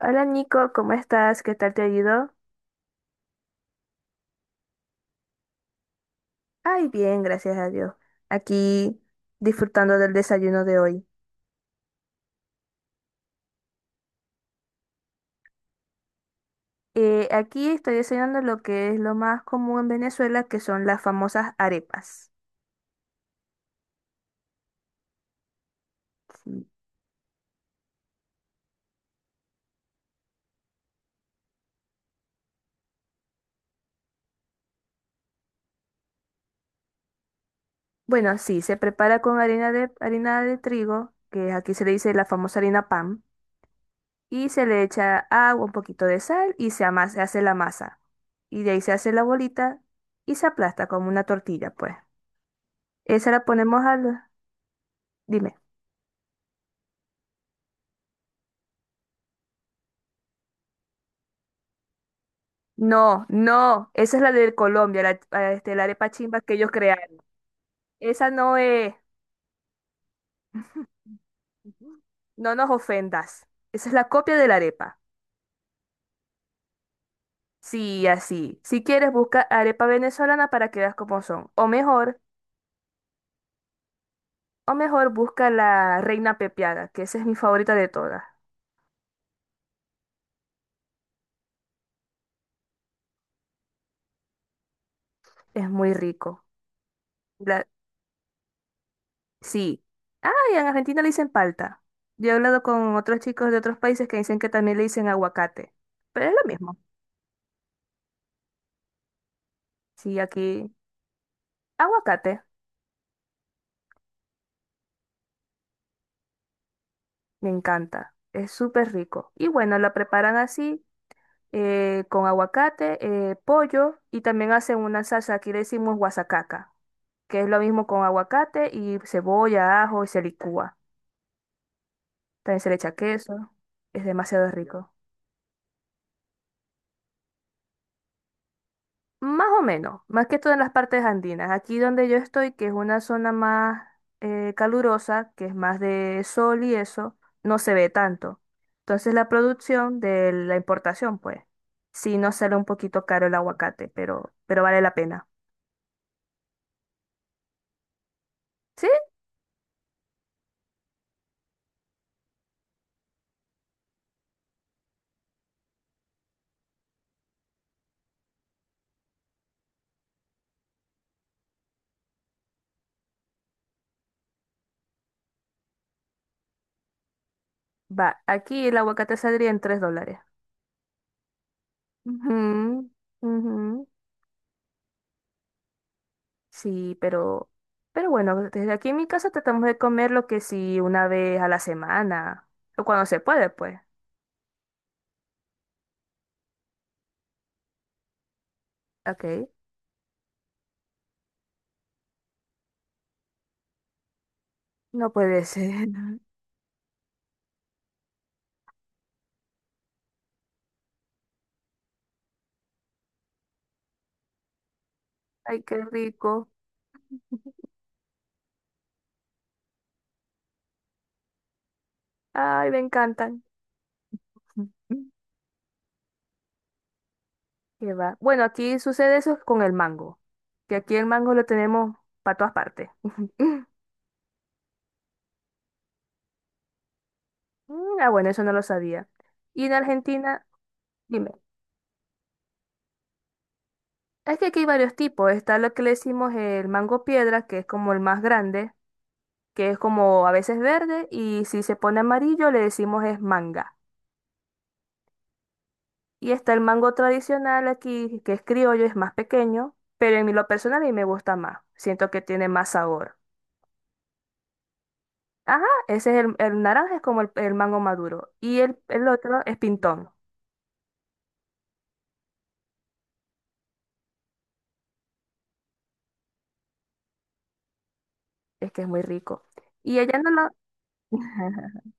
Hola Nico, ¿cómo estás? ¿Qué tal te ha ido? Ay, bien, gracias a Dios. Aquí disfrutando del desayuno de hoy. Aquí estoy desayunando lo que es lo más común en Venezuela, que son las famosas arepas. Sí. Bueno, sí, se prepara con harina de trigo, que aquí se le dice la famosa harina pan, y se le echa agua, un poquito de sal y se hace la masa. Y de ahí se hace la bolita y se aplasta como una tortilla, pues. Esa la ponemos al... Dime. No, no, esa es la de Colombia, la, este, la arepa chimba que ellos crearon. Esa no es. Ujú. No nos ofendas. Esa es la copia de la arepa. Sí, así. Si quieres, busca arepa venezolana para que veas cómo son. O mejor, busca la reina pepiada, que esa es mi favorita de todas. Es muy rico. La, sí. Ah, y en Argentina le dicen palta. Yo he hablado con otros chicos de otros países que dicen que también le dicen aguacate. Pero es lo mismo. Sí, aquí, aguacate. Me encanta, es súper rico. Y bueno, la preparan así, con aguacate, pollo y también hacen una salsa, aquí le decimos guasacaca, que es lo mismo con aguacate y cebolla, ajo y se licúa. También se le echa queso, es demasiado rico. Más o menos, más que todo en las partes andinas. Aquí donde yo estoy, que es una zona más calurosa, que es más de sol y eso, no se ve tanto. Entonces la producción de la importación, pues, sí nos sale un poquito caro el aguacate, pero vale la pena. ¿Sí? Va, aquí el aguacate saldría en $3. Ujú, ujú. Sí, pero bueno, desde aquí en mi casa tratamos de comer lo que sí 1 vez a la semana, o cuando se puede, pues. Ok. No puede ser. Ay, qué rico. Ay, me encantan. Qué va. Bueno, aquí sucede eso con el mango, que aquí el mango lo tenemos para todas partes. Mm. Ah, bueno, eso no lo sabía. Y en Argentina, dime, es que aquí hay varios tipos. Está lo que le decimos el mango piedra, que es como el más grande, que es como a veces verde, y si se pone amarillo le decimos es manga. Y está el mango tradicional aquí, que es criollo, es más pequeño, pero en lo personal a mí me gusta más. Siento que tiene más sabor. Ajá, ese es el naranja, es como el mango maduro. Y el otro es pintón, es que es muy rico. Y ella no lo...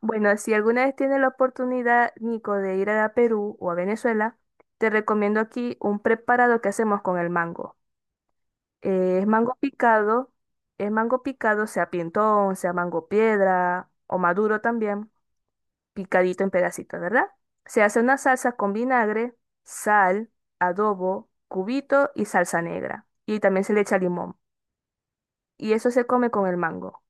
Bueno, si alguna vez tienes la oportunidad, Nico, de ir a Perú o a Venezuela, te recomiendo aquí un preparado que hacemos con el mango. Eh, es mango picado, es mango picado, sea pintón, sea mango piedra o maduro también. Picadito en pedacitos, ¿verdad? Se hace una salsa con vinagre, sal, adobo, cubito y salsa negra. Y también se le echa limón. Y eso se come con el mango.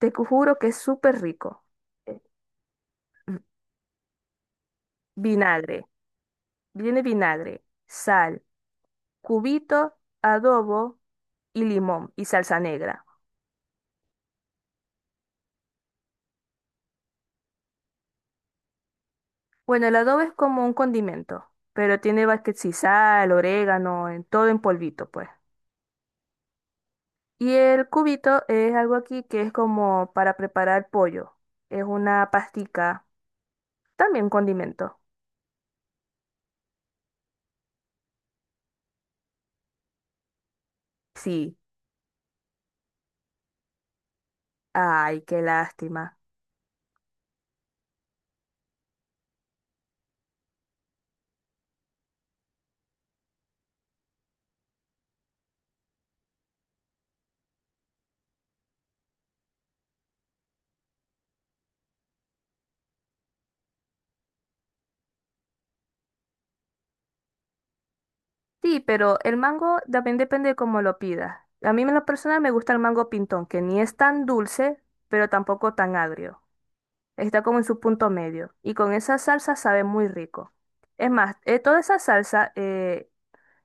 Juro que es súper rico. Eh, v- Vinagre, viene vinagre, sal, cubito, adobo y limón y salsa negra. Bueno, el adobo es como un condimento, pero tiene va que si sal, orégano, en, todo en polvito, pues. Y el cubito es algo aquí que es como para preparar pollo. Es una pastica, también condimento. Sí, ay, qué lástima. Sí, pero el mango también depende cómo lo pidas. A mí en lo personal me gusta el mango pintón, que ni es tan dulce, pero tampoco tan agrio. Está como en su punto medio. Y con esa salsa sabe muy rico. Toda esa salsa eh,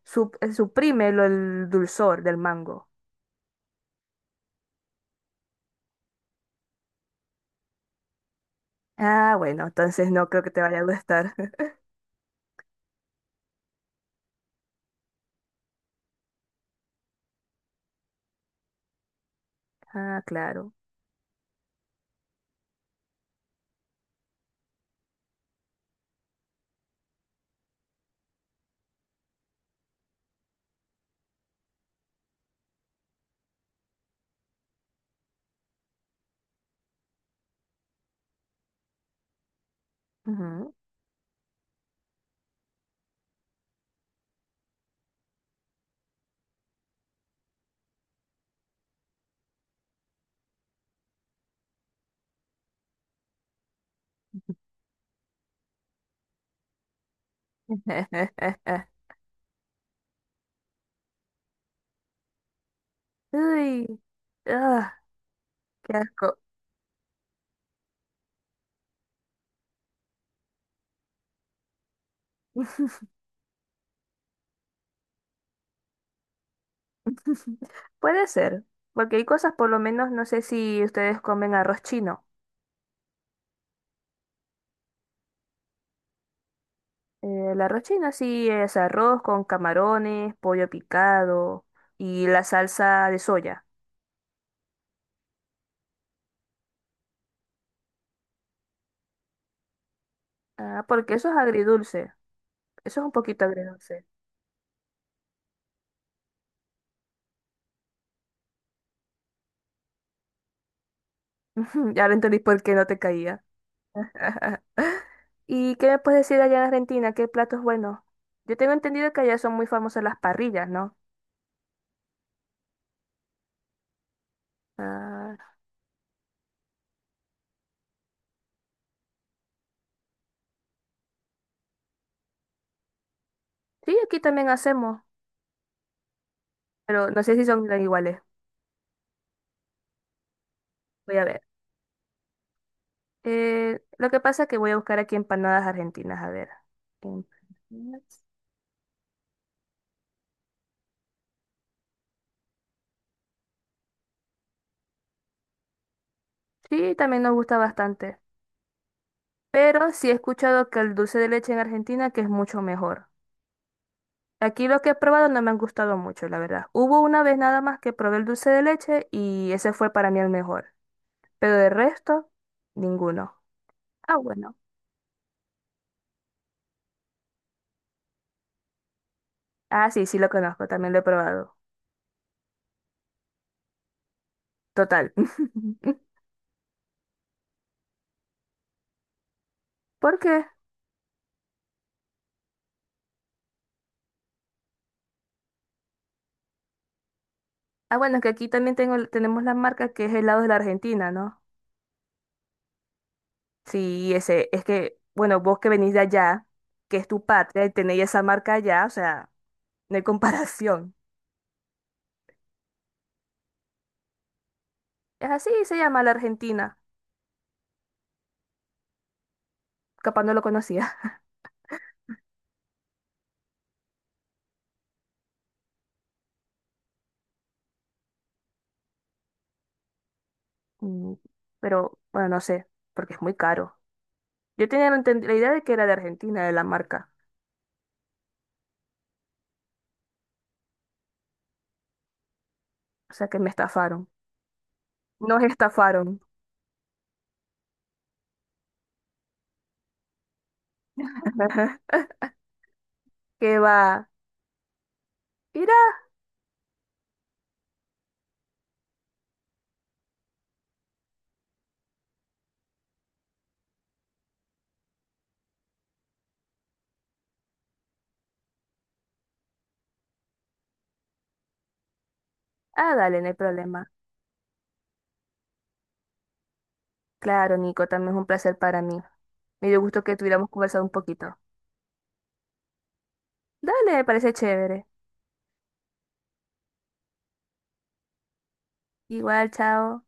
sup- eh, suprime el dulzor del mango. Ah, bueno, entonces no creo que te vaya a gustar. Ah, claro. Ujú. Uy, ah, qué asco. Puede ser, porque hay cosas, por lo menos, no sé si ustedes comen arroz chino. El arroz chino sí es arroz con camarones, pollo picado y la salsa de soya. Ah, porque eso es agridulce. Eso es un poquito agridulce. Ya lo entendí por qué no te caía. ¿Y qué me puedes decir allá en Argentina? ¿Qué platos buenos? Yo tengo entendido que allá son muy famosas las parrillas, ¿no? Ah, sí, aquí también hacemos, pero no sé si son tan iguales. Voy a ver. Lo que pasa es que voy a buscar aquí empanadas argentinas, a ver. Empanadas. Sí, también nos gusta bastante, pero sí he escuchado que el dulce de leche en Argentina que es mucho mejor. Aquí lo que he probado no me han gustado mucho, la verdad. Hubo una vez nada más que probé el dulce de leche y ese fue para mí el mejor, pero de resto, ninguno. Ah, bueno. Ah, sí, sí lo conozco, también lo he probado. Total. ¿Por qué? Ah, bueno, es que aquí también tenemos la marca que es helado de la Argentina, ¿no? Sí, ese, es que, bueno, vos que venís de allá, que es tu patria, y tenéis esa marca allá, o sea, no hay comparación. Es así, se llama la Argentina. Capaz no lo conocía. Mm. Pero, bueno, no sé, porque es muy caro. Yo tenía la idea de que era de Argentina, de la marca. O sea, que me estafaron. Nos estafaron. ¿Qué va? ¿Irá? Ah, dale, no hay problema. Claro, Nico, también es un placer para mí. Me dio gusto que tuviéramos conversado un poquito. Dale, me parece chévere. Igual, chao.